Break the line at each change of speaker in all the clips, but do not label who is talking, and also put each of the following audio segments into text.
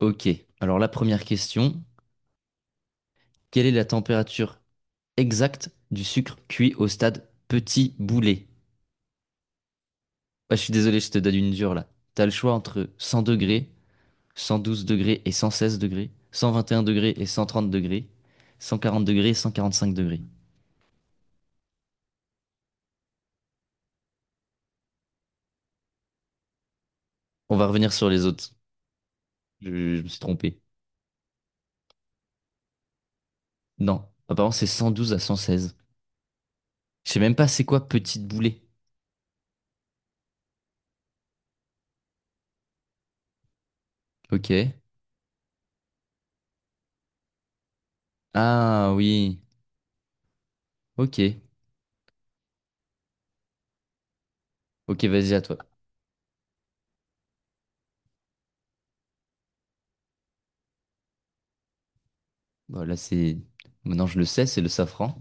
Ok, alors la première question, quelle est la température exacte du sucre cuit au stade petit boulet? Ah je suis désolé, je te donne une dure là. T'as le choix entre 100 degrés, 112 degrés et 116 degrés, 121 degrés et 130 degrés, 140 degrés et 145 degrés. On va revenir sur les autres. Je me suis trompé. Non, apparemment c'est 112 à 116. Je sais même pas c'est quoi petite boulet. Ok. Ah oui. Ok. Ok, vas-y à toi. Voilà, c'est... Maintenant je le sais, c'est le safran.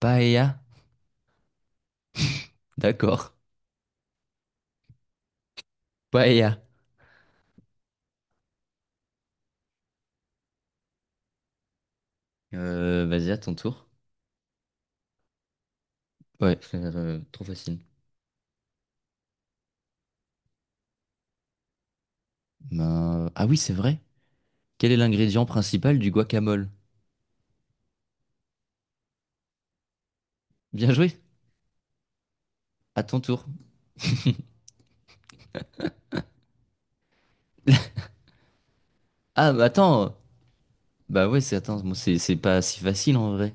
Paella? D'accord. Paella. Vas-y, à ton tour. Ouais. Je Trop facile. Ben, ah oui, c'est vrai. Quel est l'ingrédient principal du guacamole? Bien joué. À ton tour. Ah, bah attends. Bah ouais, c'est attends, moi, c'est pas si facile en vrai.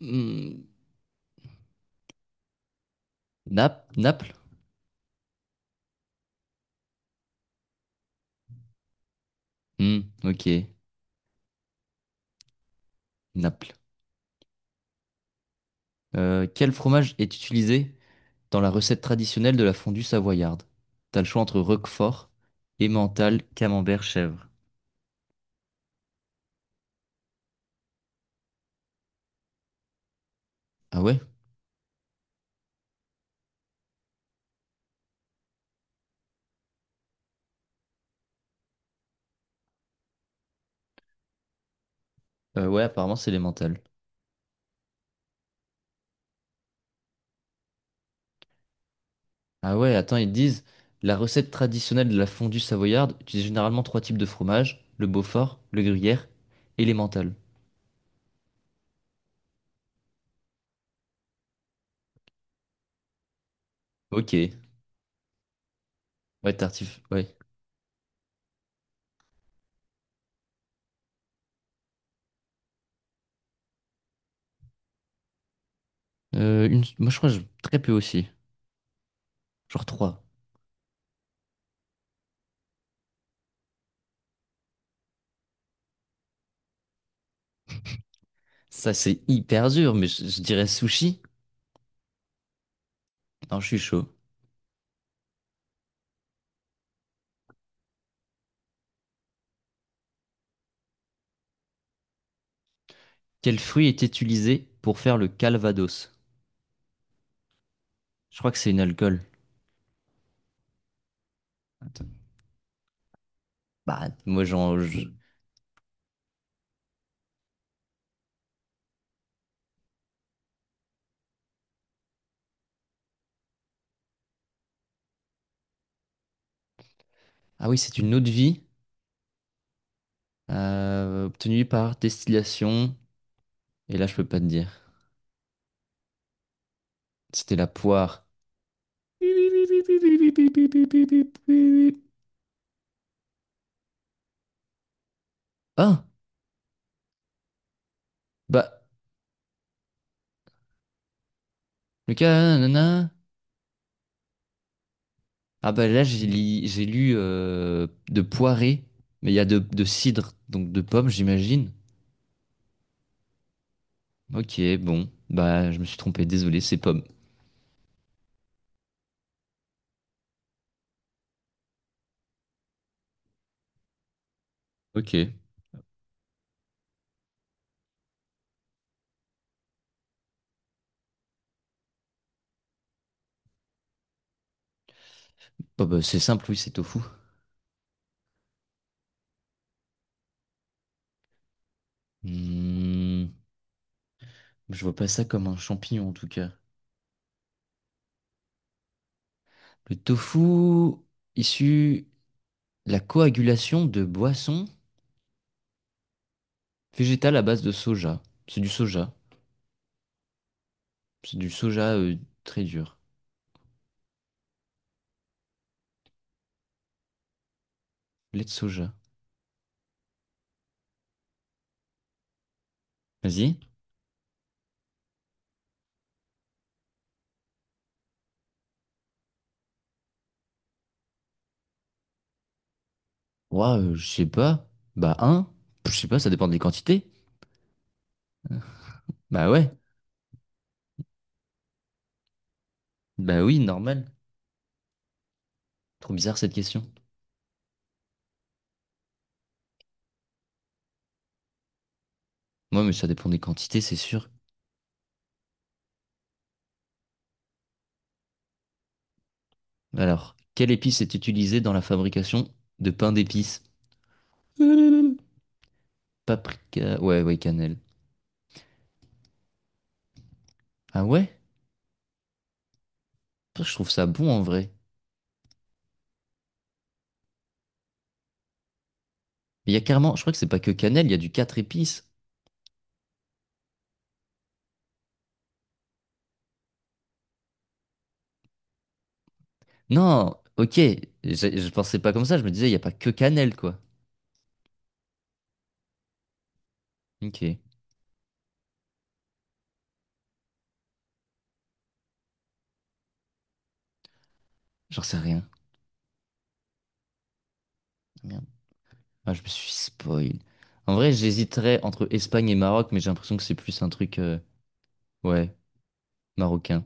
Hmm, Naples? Hmm, ok. Naples. Quel fromage est utilisé dans la recette traditionnelle de la fondue savoyarde? T'as le choix entre Roquefort, Emmental, Camembert, Chèvre. Ah ouais? Ouais, apparemment c'est l'Emmental. Ah ouais, attends, ils disent la recette traditionnelle de la fondue savoyarde utilise généralement trois types de fromage, le Beaufort, le gruyère et l'emmental. Ok, ouais, tartif, ouais. Une... Moi, je crois que très peu aussi, genre trois. Ça, c'est hyper dur, mais je dirais sushi. Non, je suis chaud. Quel fruit est utilisé pour faire le calvados? Je crois que c'est une alcool. Attends. Bah, moi, j'en. Ah oui, c'est une eau de vie obtenue par distillation. Et là, je peux pas te dire. C'était la poire. Bip, bip, bip, bip, bip, bip, bip, bip, bip, bip, bip, ah, bah, Lucas, nanana. Ah, bah là, j'ai lu de poirée, mais il y a de cidre, donc de pommes, j'imagine. Ok, bon, bah, je me suis trompé, désolé, c'est pomme. Ok. Bah, c'est simple, oui, c'est tofu. Hmm, je vois pas ça comme un champignon, en tout cas. Le tofu, issu de la coagulation de boissons végétales à base de soja. C'est du soja. C'est du soja très dur. Lait de soja. Vas-y. Waouh, je sais pas. Bah, un. Je sais pas, ça dépend des quantités. Bah ouais. Bah oui, normal. Trop bizarre cette question. Moi, mais ça dépend des quantités, c'est sûr. Alors, quelle épice est utilisée dans la fabrication de pain d'épices? Paprika. Ouais, ouais, cannelle. Ah ouais? Putain, je trouve ça bon en vrai. Il y a carrément, je crois que c'est pas que cannelle, il y a du quatre épices. Non, ok. Je pensais pas comme ça, je me disais, il y a pas que cannelle, quoi. Ok. J'en sais rien. Merde. Ah, je me suis spoil. En vrai, j'hésiterais entre Espagne et Maroc, mais j'ai l'impression que c'est plus un truc, ouais, marocain.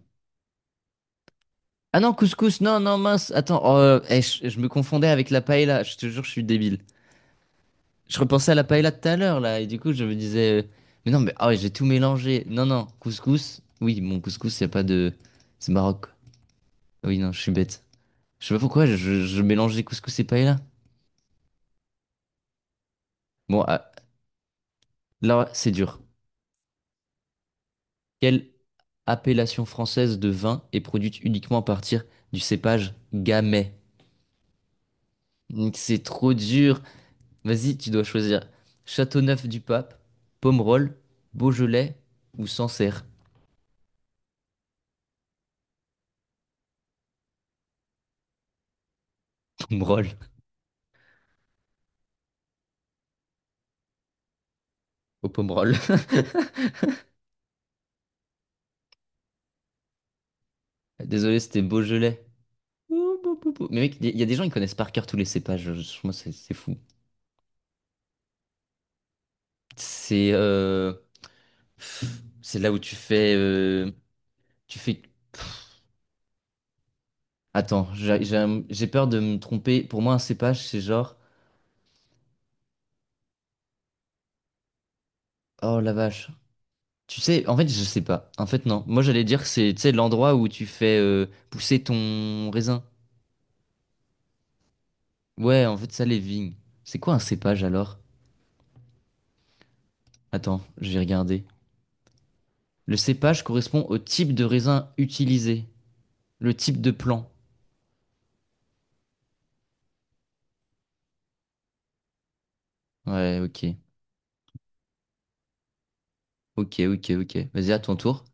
Ah non, couscous, non, non, mince, attends, oh, je me confondais avec la paella, je te jure, je suis débile. Je repensais à la paella de tout à l'heure, là, et du coup, je me disais, mais non, mais ah ouais, j'ai tout mélangé. Non, non, couscous, oui, mon couscous, y a pas de... C'est Maroc. Oui, non, je suis bête. Je sais pas pourquoi, je mélangeais couscous et paella. Bon, ah, là, c'est dur. Quel appellation française de vin et produite uniquement à partir du cépage Gamay. Donc, c'est trop dur. Vas-y, tu dois choisir Châteauneuf-du-Pape, Pomerol, Beaujolais ou Sancerre. Pomerol. Au Pomerol. Désolé, c'était Beaujolais. Ouh, bou, bou, bou. Mais mec, il y a des gens qui connaissent par cœur tous les cépages. Moi, c'est fou. C'est euh, c'est là où tu fais tu fais. Attends, j'ai peur de me tromper. Pour moi, un cépage, c'est genre oh la vache. Tu sais, en fait, je sais pas. En fait, non. Moi, j'allais dire que c'est, tu sais, l'endroit où tu fais pousser ton raisin. Ouais, en fait, ça, les vignes. C'est quoi un cépage alors? Attends, je vais regarder. Le cépage correspond au type de raisin utilisé, le type de plant. Ouais, ok. Ok, ok, ok. Vas-y, à ton tour.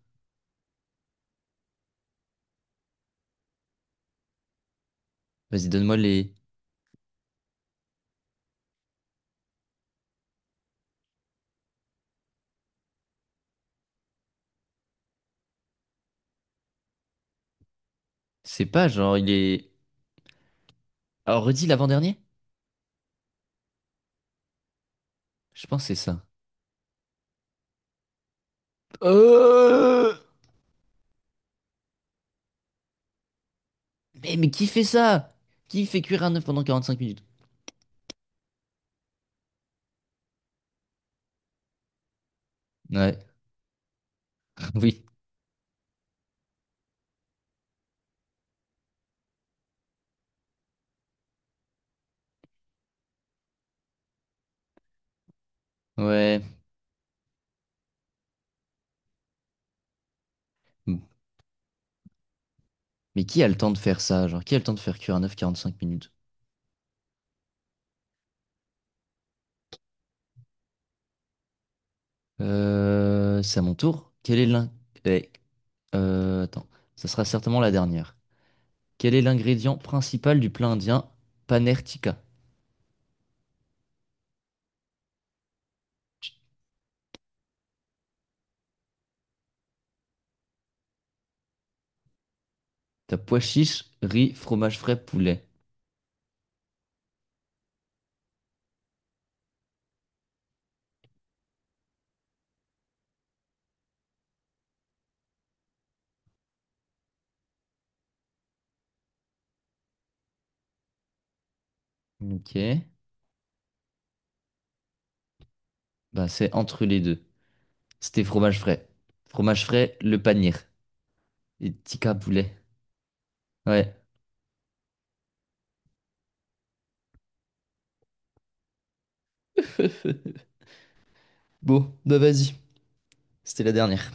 Vas-y, donne-moi les cépages. Genre, il est. Alors, redis l'avant-dernier? Je pense que c'est ça. Euh... Mais, qui fait ça? Qui fait cuire un œuf pendant 45 minutes? Ouais, oui. Ouais, bon. Mais qui a le temps de faire ça? Genre, qui a le temps de faire cuire un œuf 45 minutes? C'est à mon tour. Quel est l'in... eh, attends, ça sera certainement la dernière. Quel est l'ingrédient principal du plat indien Paneer Tikka? T'as pois chiche, riz, fromage frais, poulet. Ok. Bah, c'est entre les deux. C'était fromage frais. Fromage frais, le paneer. Et tikka, poulet. Ouais. Bon, bah vas-y. C'était la dernière.